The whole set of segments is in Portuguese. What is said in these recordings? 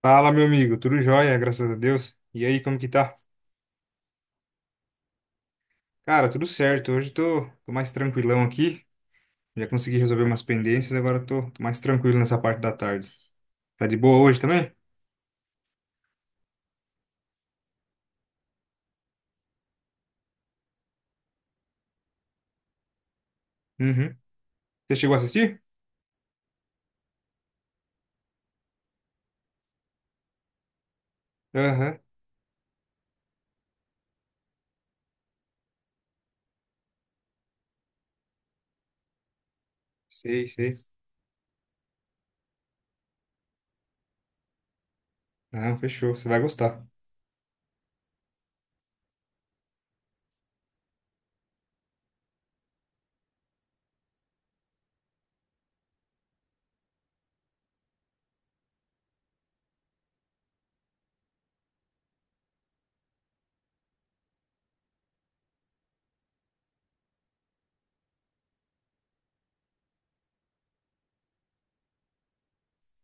Fala, meu amigo, tudo jóia, graças a Deus. E aí, como que tá? Cara, tudo certo. Hoje tô mais tranquilão aqui. Já consegui resolver umas pendências, agora tô mais tranquilo nessa parte da tarde. Tá de boa hoje também? Uhum. Você chegou a assistir? Aham. Sei, sei. Não, fechou, você vai gostar.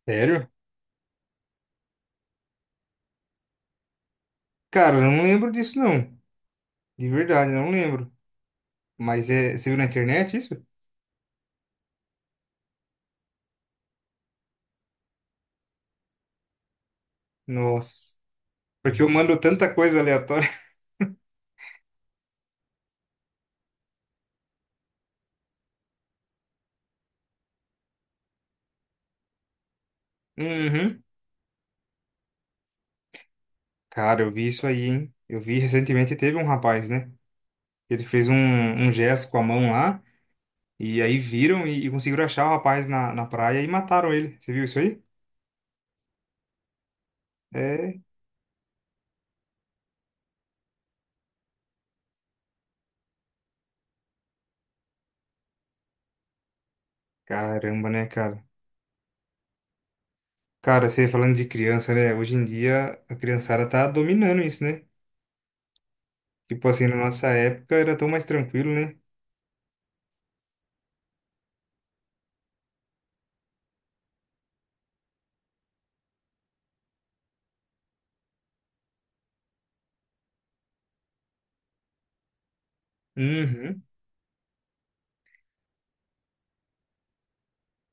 Sério? Cara, eu não lembro disso não. De verdade, eu não lembro. Mas é, você viu na internet isso? Nossa, porque eu mando tanta coisa aleatória. Uhum. Cara, eu vi isso aí, hein? Eu vi recentemente, teve um rapaz, né? Ele fez um gesto com a mão lá, e aí viram e conseguiram achar o rapaz na praia e mataram ele. Você viu isso aí? É, caramba, né, cara? Cara, você falando de criança, né? Hoje em dia a criançada tá dominando isso, né? Tipo assim, na nossa época era tão mais tranquilo, né? Uhum.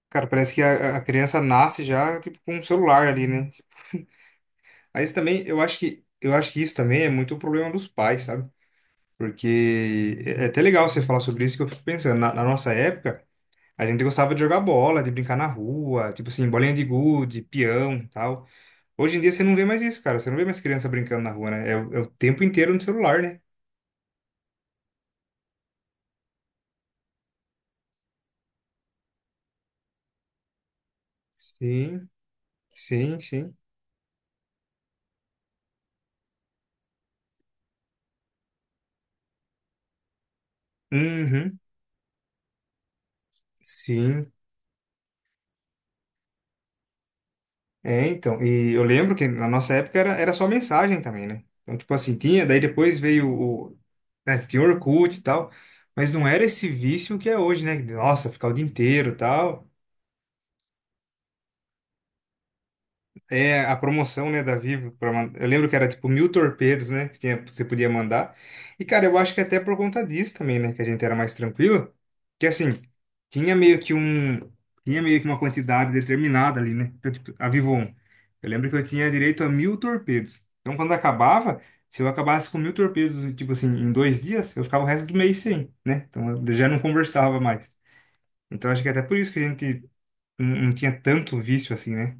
Cara, parece que a criança nasce já, tipo, com um celular ali, né? Aí isso também, eu acho que isso também é muito problema dos pais, sabe? Porque é até legal você falar sobre isso, que eu fico pensando, na nossa época. A gente gostava de jogar bola, de brincar na rua, tipo assim, bolinha de gude, peão, e tal. Hoje em dia você não vê mais isso, cara. Você não vê mais criança brincando na rua, né? É, o é o tempo inteiro no celular, né? Sim, sim, sim. Uhum, sim. É, então. E eu lembro que na nossa época era só mensagem também, né? Então, tipo assim, tinha, daí depois veio o. né, tinha o Orkut e tal. Mas não era esse vício que é hoje, né? Nossa, ficar o dia inteiro e tal. É a promoção, né, da Vivo. Eu lembro que era tipo 1.000 torpedos, né? Você podia mandar. E, cara, eu acho que até por conta disso também, né? Que a gente era mais tranquilo. Que assim, tinha meio que um. Tinha meio que uma quantidade determinada ali, né? Então, tipo, a Vivo 1. Eu lembro que eu tinha direito a 1.000 torpedos. Então, quando acabava, se eu acabasse com 1.000 torpedos, tipo assim, em 2 dias, eu ficava o resto do mês sem, né? Então, eu já não conversava mais. Então, acho que até por isso que a gente não tinha tanto vício assim, né?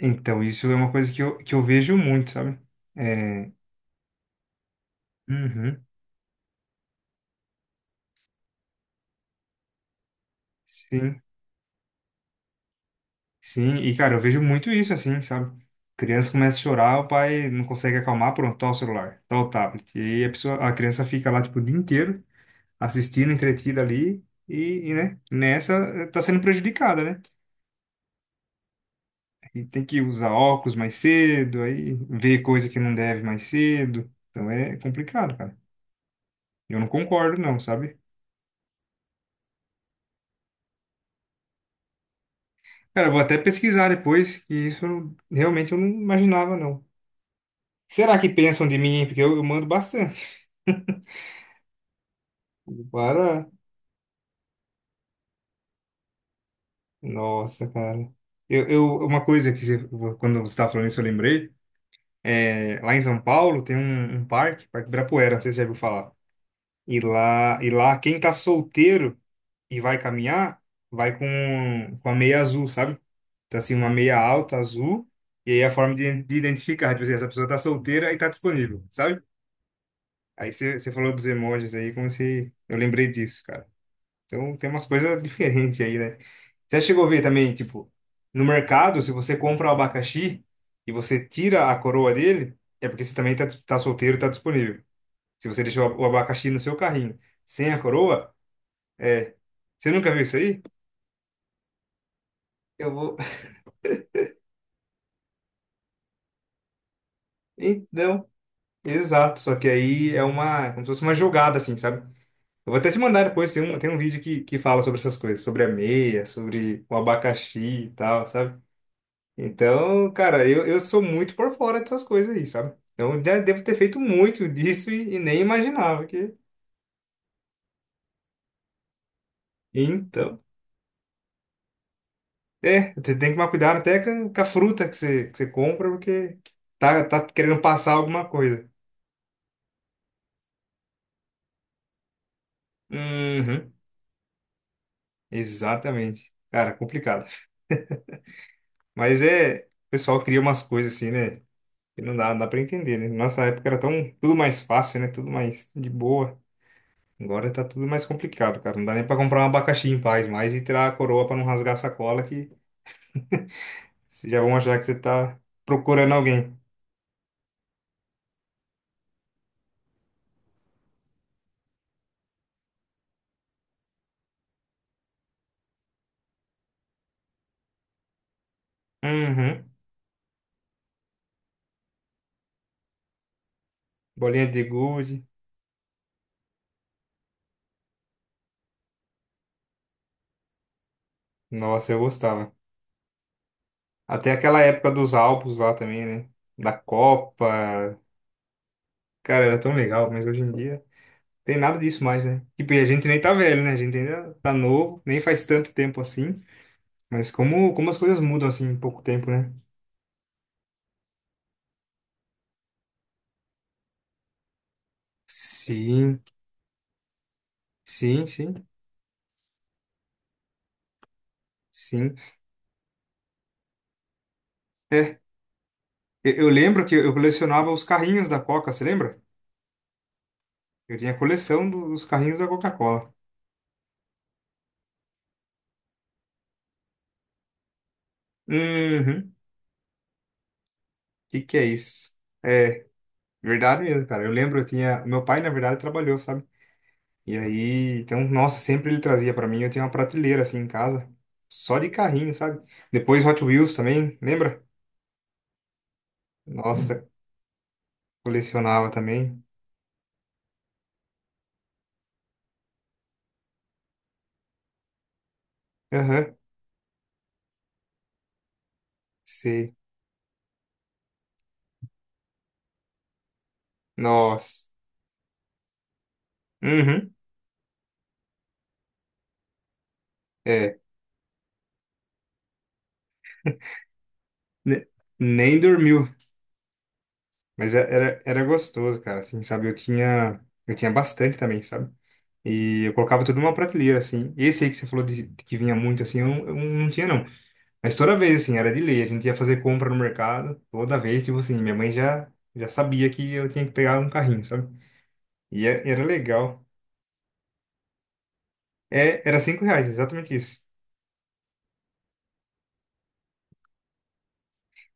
Então, isso é uma coisa que eu vejo muito, sabe? É, uhum, sim, sim. E, cara, eu vejo muito isso, assim, sabe? Criança começa a chorar, o pai não consegue acalmar, pronto, tá o celular, tá o tablet. E aí a pessoa, a criança fica lá, tipo, o dia inteiro, assistindo, entretida ali, e, né, nessa tá sendo prejudicada, né? E tem que usar óculos mais cedo, aí ver coisa que não deve mais cedo. Então é complicado, cara. Eu não concordo, não, sabe? Cara, eu vou até pesquisar depois, que isso realmente eu não imaginava, não. Será que pensam de mim? Hein? Porque eu mando bastante. Para. Nossa, cara. Uma coisa quando você estava falando isso, eu lembrei. É, lá em São Paulo tem um parque, Parque Ibirapuera, não sei se você já ouviu falar. E lá, quem tá solteiro e vai caminhar, vai com a meia azul, sabe? Então, assim, uma meia alta azul. E aí é a forma de identificar, tipo assim, essa pessoa tá solteira e tá disponível, sabe? Aí você falou dos emojis aí, como se. Eu lembrei disso, cara. Então tem umas coisas diferentes aí, né? Você já chegou a ver também, tipo, no mercado, se você compra o abacaxi e você tira a coroa dele, é porque você também tá solteiro, tá disponível. Se você deixou o abacaxi no seu carrinho sem a coroa, é. Você nunca viu isso aí? Eu vou. Então, exato. Só que aí é uma. Como se fosse uma jogada, assim, sabe? Eu vou até te mandar depois, tem um vídeo que fala sobre essas coisas, sobre a meia, sobre o abacaxi e tal, sabe? Então, cara, eu sou muito por fora dessas coisas aí, sabe? Eu já devo ter feito muito disso e nem imaginava que... Então, é, você tem que tomar cuidado até com a fruta que você compra, porque tá querendo passar alguma coisa. Uhum, exatamente. Cara, complicado. Mas é, o pessoal cria umas coisas assim, né? Que não dá, não dá pra entender, né? Nossa época era tão, tudo mais fácil, né? Tudo mais de boa. Agora tá tudo mais complicado, cara. Não dá nem pra comprar um abacaxi em paz mais e tirar a coroa pra não rasgar a sacola que vocês já vão achar que você tá procurando alguém. Uhum. Bolinha de gude. Nossa, eu gostava. Até aquela época dos álbuns lá também, né? Da Copa. Cara, era tão legal, mas hoje em dia tem nada disso mais, né? Tipo, e a gente nem tá velho, né? A gente ainda tá novo, nem faz tanto tempo assim. Mas como as coisas mudam assim em pouco tempo, né? Sim, sim, sim, sim. É, eu lembro que eu colecionava os carrinhos da Coca, você lembra? Eu tinha coleção dos carrinhos da Coca-Cola. Uhum. O que que é isso? É, verdade mesmo, cara. Eu lembro, eu tinha, meu pai na verdade trabalhou, sabe? E aí, então, nossa, sempre ele trazia pra mim. Eu tinha uma prateleira assim em casa, só de carrinho, sabe? Depois Hot Wheels também, lembra? Nossa, colecionava também. Aham, sei. Nossa. Uhum. É. Ne- Nem dormiu. Mas era gostoso, cara, assim, sabe? Eu tinha bastante também, sabe? E eu colocava tudo numa prateleira, assim. Esse aí que você falou de, que vinha muito, assim, eu não tinha, não. Mas toda vez, assim, era de lei. A gente ia fazer compra no mercado, toda vez, tipo assim, minha mãe já sabia que eu tinha que pegar um carrinho, sabe? E era legal. É, era R$ 5, exatamente isso.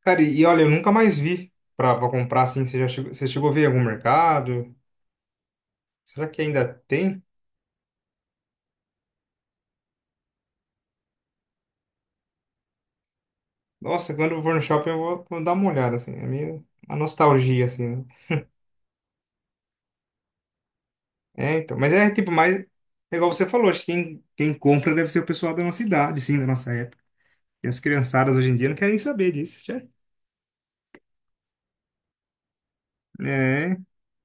Cara, e olha, eu nunca mais vi pra comprar, assim. Você chegou a ver em algum mercado? Será que ainda tem? Nossa, quando eu for no shopping eu vou dar uma olhada, assim. É meio uma nostalgia, assim, né? É, então. Mas é tipo, mais. É igual você falou, acho que quem compra deve ser o pessoal da nossa idade, sim, da nossa época. E as criançadas hoje em dia não querem saber disso, já. É,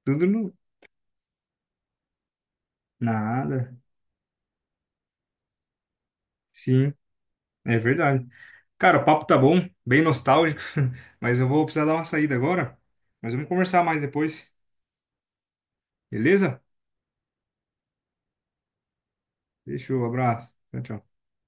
tudo no. Nada. Sim, é verdade. Cara, o papo tá bom, bem nostálgico, mas eu vou precisar dar uma saída agora. Mas vamos conversar mais depois, beleza? Fechou, abraço. Tchau, tchau.